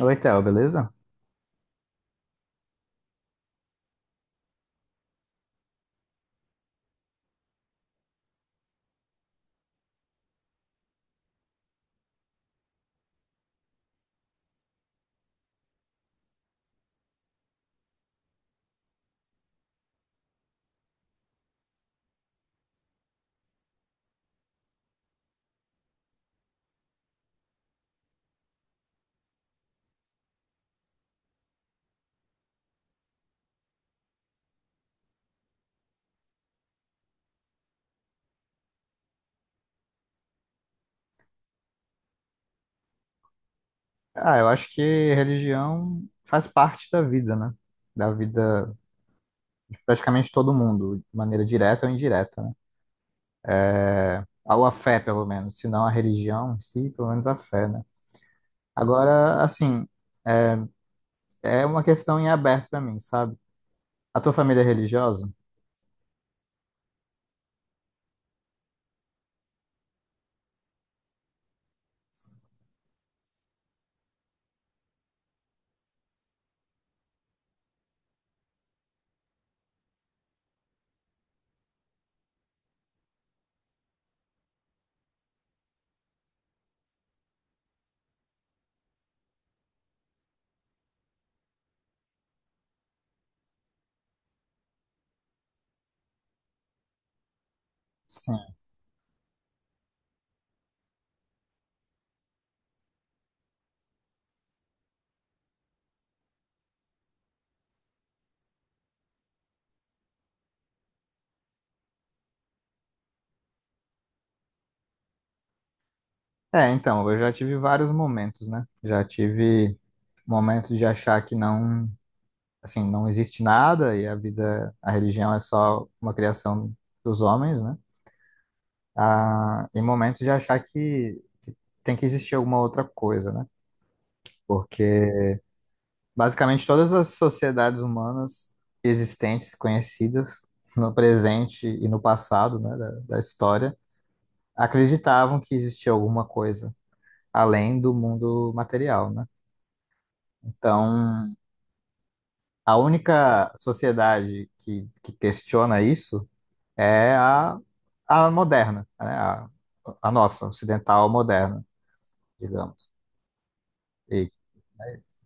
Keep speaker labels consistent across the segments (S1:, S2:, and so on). S1: Oi, Theo, beleza? Ah, eu acho que religião faz parte da vida, né? Da vida de praticamente todo mundo, de maneira direta ou indireta, né? Ou a fé, pelo menos, se não a religião em si, pelo menos a fé, né? Agora, assim, é é uma questão em aberto pra mim, sabe? A tua família é religiosa? Sim. É, então, eu já tive vários momentos, né? Já tive momento de achar que não. Assim, não existe nada e a vida, a religião é só uma criação dos homens, né? a Em momentos de achar que tem que existir alguma outra coisa, né? Porque basicamente todas as sociedades humanas existentes, conhecidas no presente e no passado, né, da história, acreditavam que existia alguma coisa além do mundo material, né? Então, a única sociedade que questiona isso é a moderna, né? A nossa, ocidental moderna, digamos. E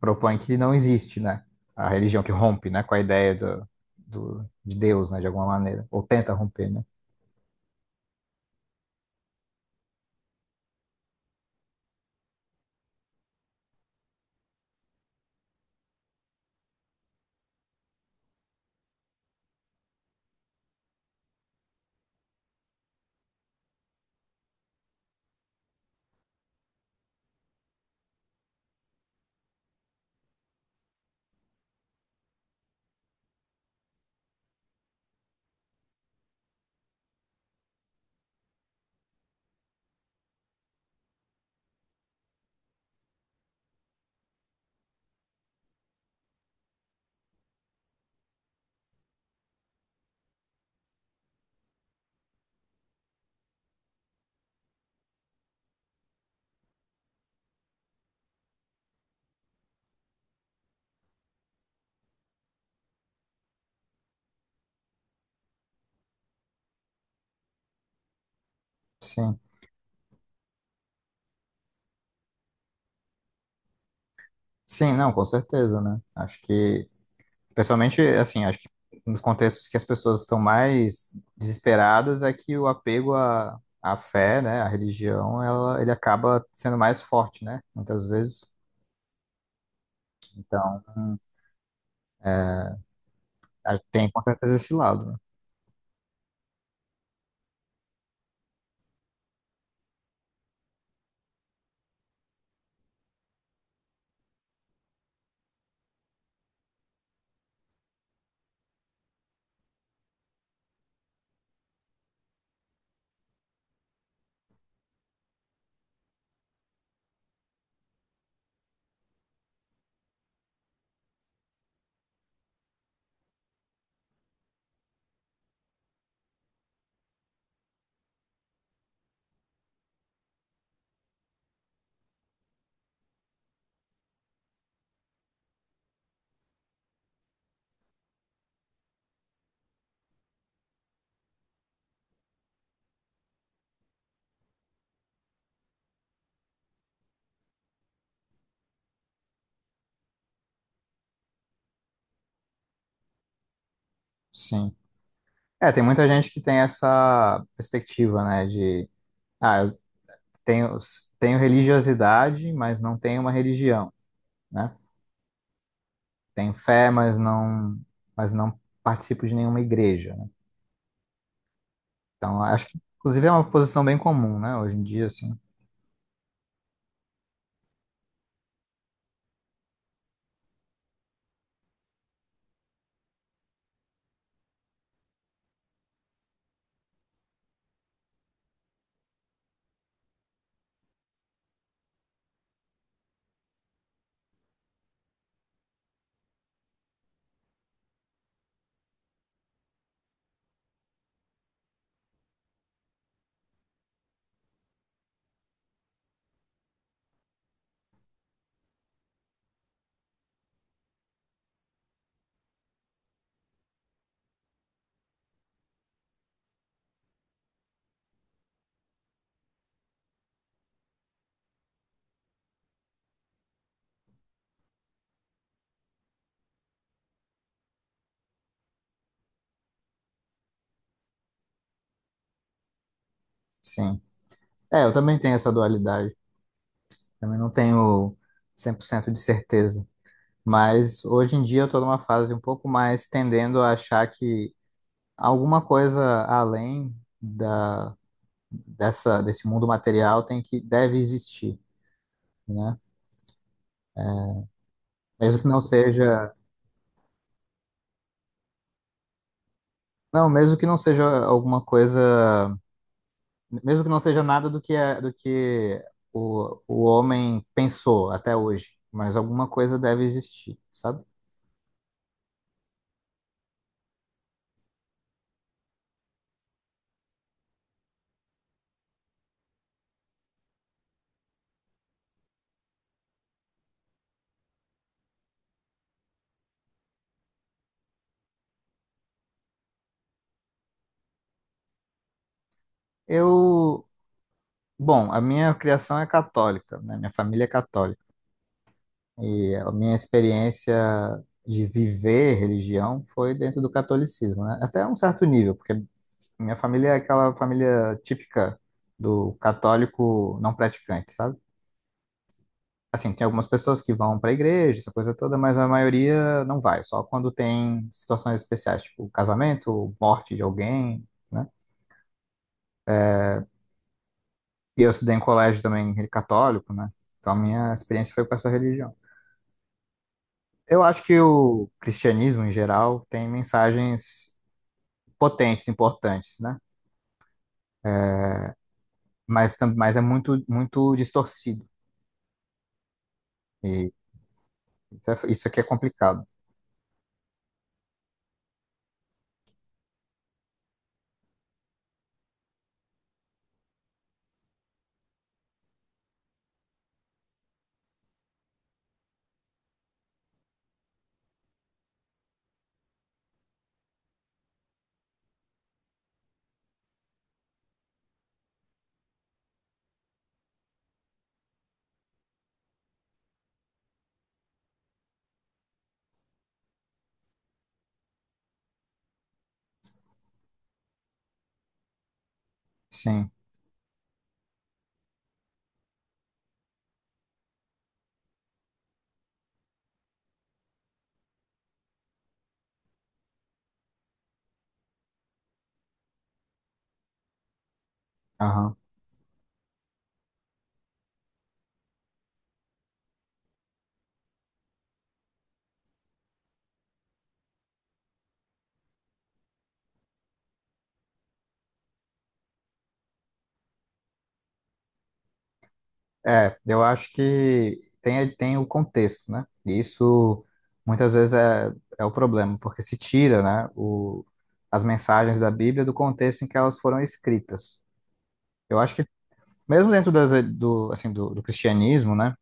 S1: propõe que não existe, né? A religião que rompe, né? Com a ideia de Deus, né? De alguma maneira. Ou tenta romper, né? Sim. Sim, não, com certeza, né? Acho que, principalmente, assim, acho que nos contextos que as pessoas estão mais desesperadas é que o apego à fé, né? À religião, ela, ele acaba sendo mais forte, né? Muitas vezes. Então, ah, tem com certeza esse lado, né? Sim. É, tem muita gente que tem essa perspectiva, né, de, ah, eu tenho, tenho religiosidade, mas não tenho uma religião, né? Tenho fé, mas mas não participo de nenhuma igreja, né? Então, acho que, inclusive, é uma posição bem comum, né, hoje em dia, assim, sim. É, eu também tenho essa dualidade, também não tenho 100% de certeza, mas hoje em dia eu tô numa fase um pouco mais tendendo a achar que alguma coisa além da, dessa, desse mundo material tem que deve existir, né? Mesmo que não seja, não, mesmo que não seja alguma coisa, mesmo que não seja nada do que é, do que o homem pensou até hoje, mas alguma coisa deve existir, sabe? Eu, bom, a minha criação é católica, né? Minha família é católica e a minha experiência de viver religião foi dentro do catolicismo, né? Até um certo nível, porque minha família é aquela família típica do católico não praticante, sabe? Assim, tem algumas pessoas que vão para a igreja, essa coisa toda, mas a maioria não vai, só quando tem situações especiais, tipo casamento, morte de alguém, né? E eu estudei em colégio também católico, né? Então a minha experiência foi com essa religião. Eu acho que o cristianismo, em geral, tem mensagens potentes, importantes, né? Mas, mas é muito, muito distorcido. E isso aqui é complicado. Sim. Aham. É, eu acho que tem, tem o contexto, né? E isso muitas vezes é, é o problema, porque se tira, né, o, as mensagens da Bíblia do contexto em que elas foram escritas. Eu acho que mesmo dentro assim, do cristianismo, né,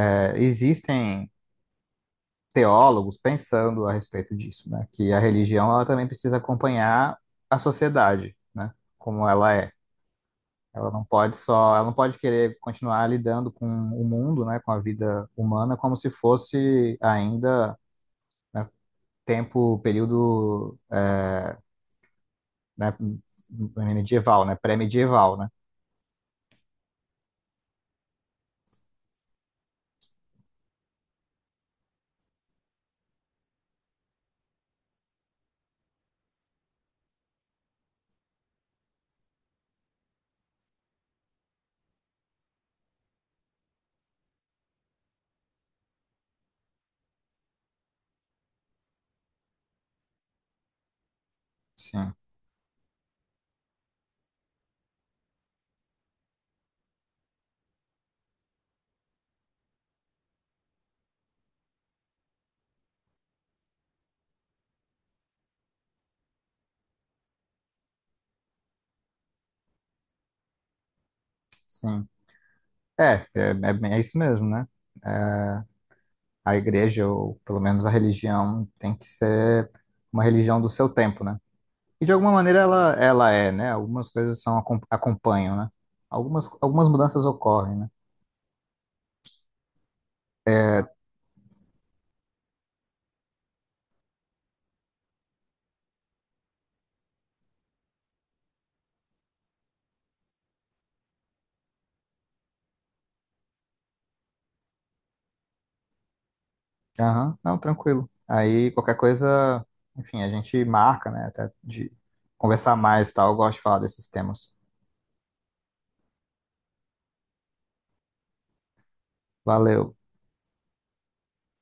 S1: é, existem teólogos pensando a respeito disso, né? Que a religião ela também precisa acompanhar a sociedade, né? Como ela é. Ela não pode só, ela não pode querer continuar lidando com o mundo, né, com a vida humana, como se fosse ainda, né, tempo, período, né, medieval, né, pré-medieval, né? Sim, sim. É, é bem- é isso mesmo, né? É, a igreja, ou pelo menos a religião, tem que ser uma religião do seu tempo, né? E de alguma maneira ela, ela é, né? Algumas coisas são, acompanham, né? Algumas, algumas mudanças ocorrem, né? Aham, não, tranquilo. Aí qualquer coisa, enfim, a gente marca, né? Até de conversar mais e tal. Eu gosto de falar desses temas. Valeu.